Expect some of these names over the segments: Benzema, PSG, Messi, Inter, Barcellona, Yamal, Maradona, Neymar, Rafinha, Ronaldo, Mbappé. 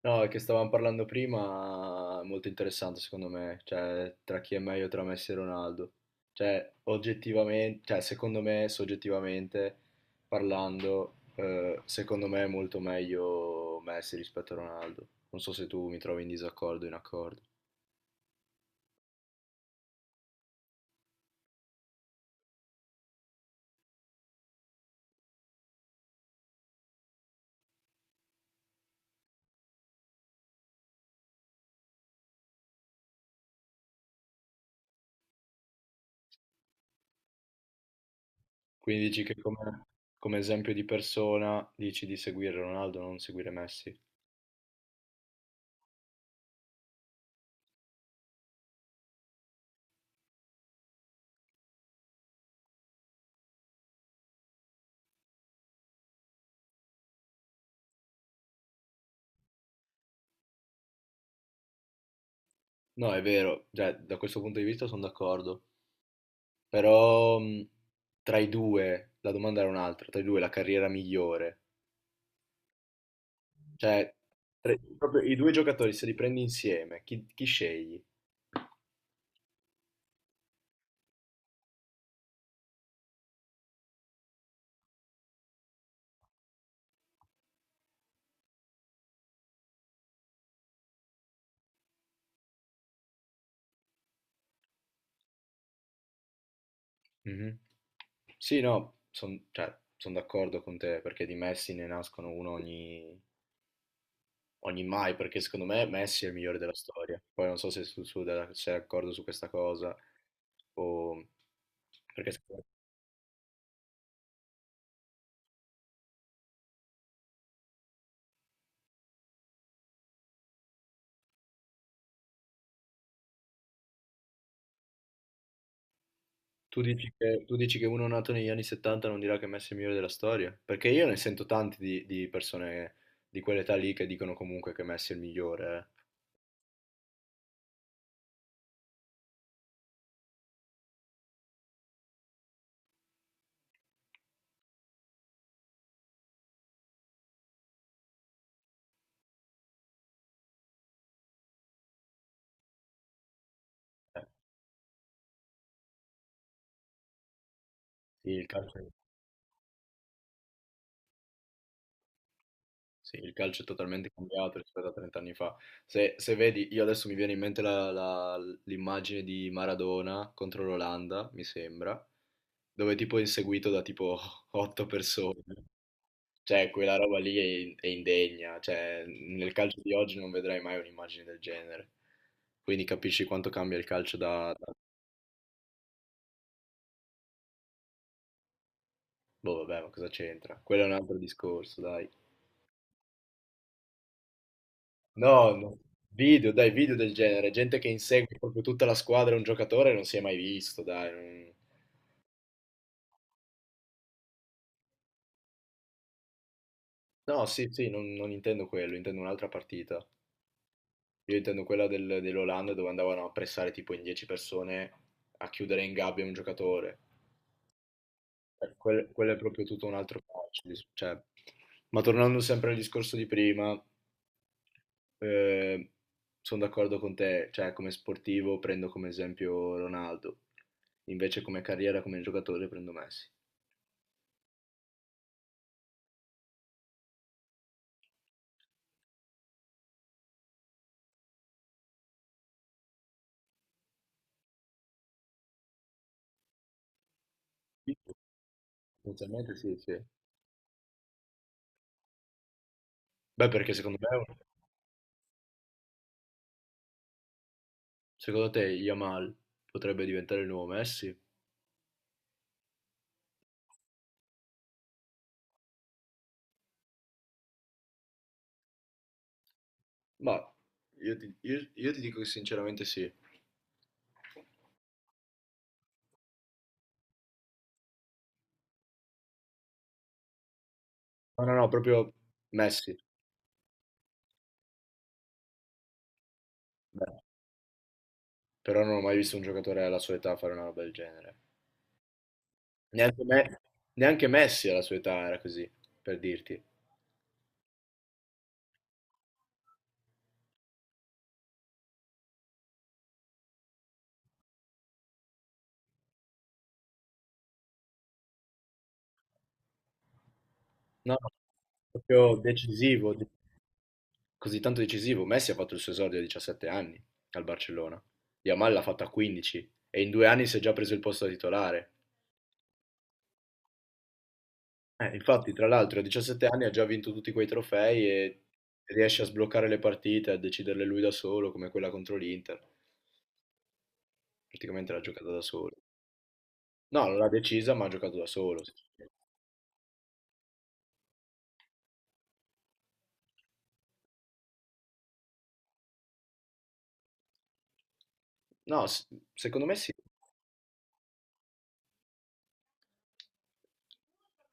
No, è che stavamo parlando prima, molto interessante secondo me, cioè tra chi è meglio tra Messi e Ronaldo. Cioè, oggettivamente, cioè secondo me, soggettivamente parlando, secondo me è molto meglio Messi rispetto a Ronaldo. Non so se tu mi trovi in disaccordo o in accordo. Quindi dici che come, come esempio di persona dici di seguire Ronaldo, non seguire Messi. No, è vero, cioè, da questo punto di vista sono d'accordo. Però tra i due, la domanda era un'altra, tra i due la carriera migliore. Cioè, tra- proprio i due giocatori, se li prendi insieme, chi, chi scegli? Mhm. Sì, no, sono d'accordo con te, perché di Messi ne nascono uno ogni, ogni mai, perché secondo me Messi è il migliore della storia. Poi non so se sei d'accordo su questa cosa, o... perché tu dici che, tu dici che uno nato negli anni 70 non dirà che Messi è il migliore della storia? Perché io ne sento tanti di persone di quell'età lì che dicono comunque che Messi è il migliore. Eh, sì, il calcio, sì, il calcio è totalmente cambiato rispetto a 30 anni fa. Se, se vedi, io adesso mi viene in mente l'immagine di Maradona contro l'Olanda, mi sembra, dove tipo è inseguito da tipo 8 persone. Cioè, quella roba lì è, è indegna, cioè, nel calcio di oggi non vedrai mai un'immagine del genere. Quindi capisci quanto cambia il calcio da... Boh, vabbè, ma cosa c'entra? Quello è un altro discorso, dai. No, no. Video, dai, video del genere. Gente che insegue proprio tutta la squadra e un giocatore non si è mai visto, dai. non- No, sì, sì, non, non intendo quello, intendo un'altra partita. Io intendo quella dell'Olanda dove andavano a pressare tipo in 10 persone a chiudere in gabbia un giocatore. Quello è proprio tutto un altro calcio. Cioè. Ma tornando sempre al discorso di prima, sono d'accordo con te, cioè come sportivo prendo come esempio Ronaldo, invece come carriera, come giocatore prendo Messi. Sì, potenzialmente sì, sì. Beh, perché secondo me, secondo te Yamal potrebbe diventare il nuovo Messi? Ma io ti dico che sinceramente sì. No, no, no, proprio Messi. Beh, però non ho mai visto un giocatore alla sua età fare una roba del genere. Neanche me, neanche Messi alla sua età era così, per dirti. No, no, proprio decisivo, così tanto decisivo. Messi ha fatto il suo esordio a 17 anni al Barcellona. Yamal l'ha fatta a 15 e in due anni si è già preso il posto da titolare. Infatti, tra l'altro, a 17 anni ha già vinto tutti quei trofei e riesce a sbloccare le partite, a deciderle lui da solo, come quella contro l'Inter. Praticamente l'ha giocata da solo. No, non l'ha decisa, ma ha giocato da solo. No, secondo me sì.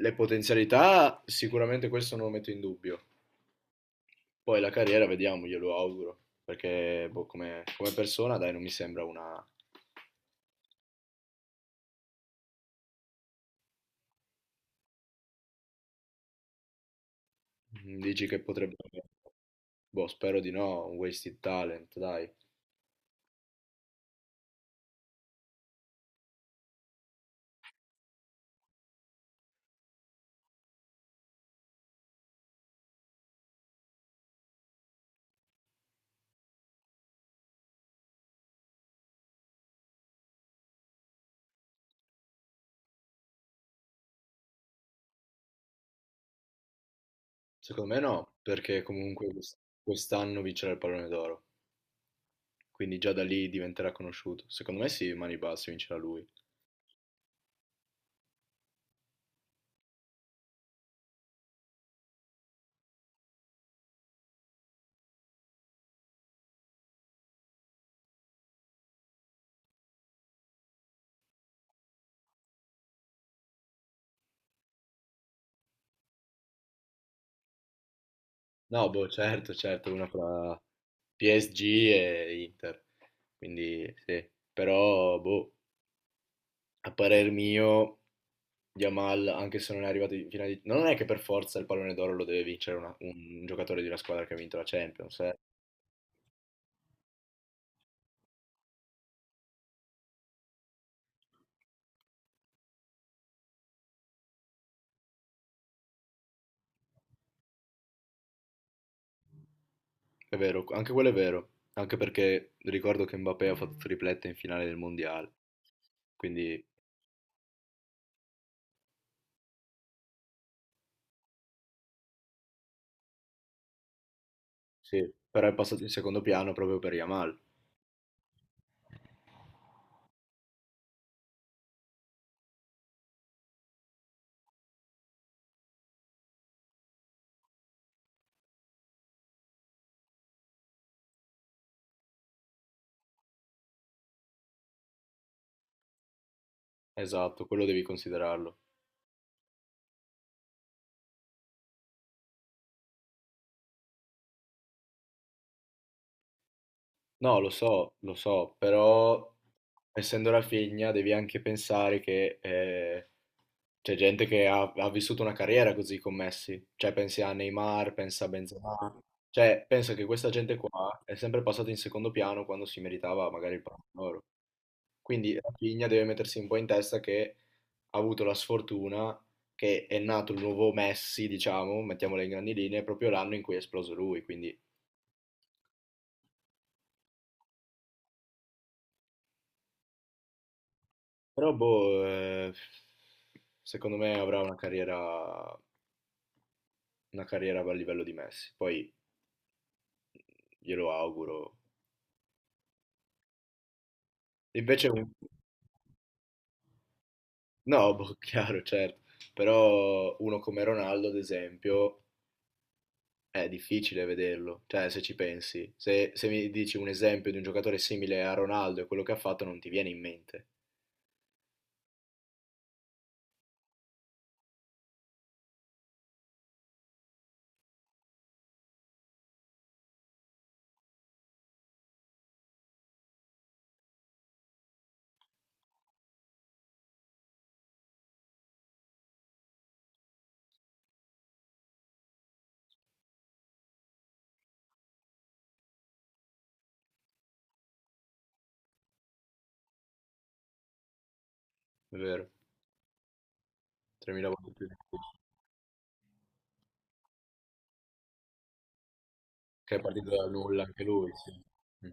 Le potenzialità, sicuramente questo non lo metto in dubbio. Poi la carriera, vediamo, glielo auguro. Perché boh, come, come persona, dai, non mi sembra una... Mm, dici che potrebbe... Boh, spero di no, un wasted talent, dai. Secondo me no, perché comunque quest'anno vincerà il pallone d'oro. Quindi già da lì diventerà conosciuto. Secondo me sì, mani basse, vincerà lui. No, boh, certo, certo, una fra PSG e Inter. Quindi sì, però boh, a parer mio, Yamal, anche se non è arrivato in finale di... No, non è che per forza il pallone d'oro lo deve vincere un giocatore di una squadra che ha vinto la Champions, eh. È vero, anche quello è vero, anche perché ricordo che Mbappé ha fatto triplette in finale del Mondiale, quindi sì, però è passato in secondo piano proprio per Yamal. Esatto, quello devi considerarlo. No, lo so, però essendo la figlia devi anche pensare che c'è gente che ha, ha vissuto una carriera così con Messi, cioè pensi a Neymar, pensa a Benzema, cioè penso che questa gente qua è sempre passata in secondo piano quando si meritava magari il pallone d'oro. Quindi Rafinha deve mettersi un po' in testa che ha avuto la sfortuna che è nato il nuovo Messi, diciamo, mettiamola in grandi linee, proprio l'anno in cui è esploso lui, quindi... Però boh, secondo me avrà una carriera a livello di Messi, poi glielo auguro. Invece un... No, boh, chiaro, certo. Però uno come Ronaldo, ad esempio, è difficile vederlo. Cioè, se ci pensi, se, se mi dici un esempio di un giocatore simile a Ronaldo e quello che ha fatto, non ti viene in mente, è vero? 3000 volte più difficile. Che è partito dal nulla anche lui, sì. Mm.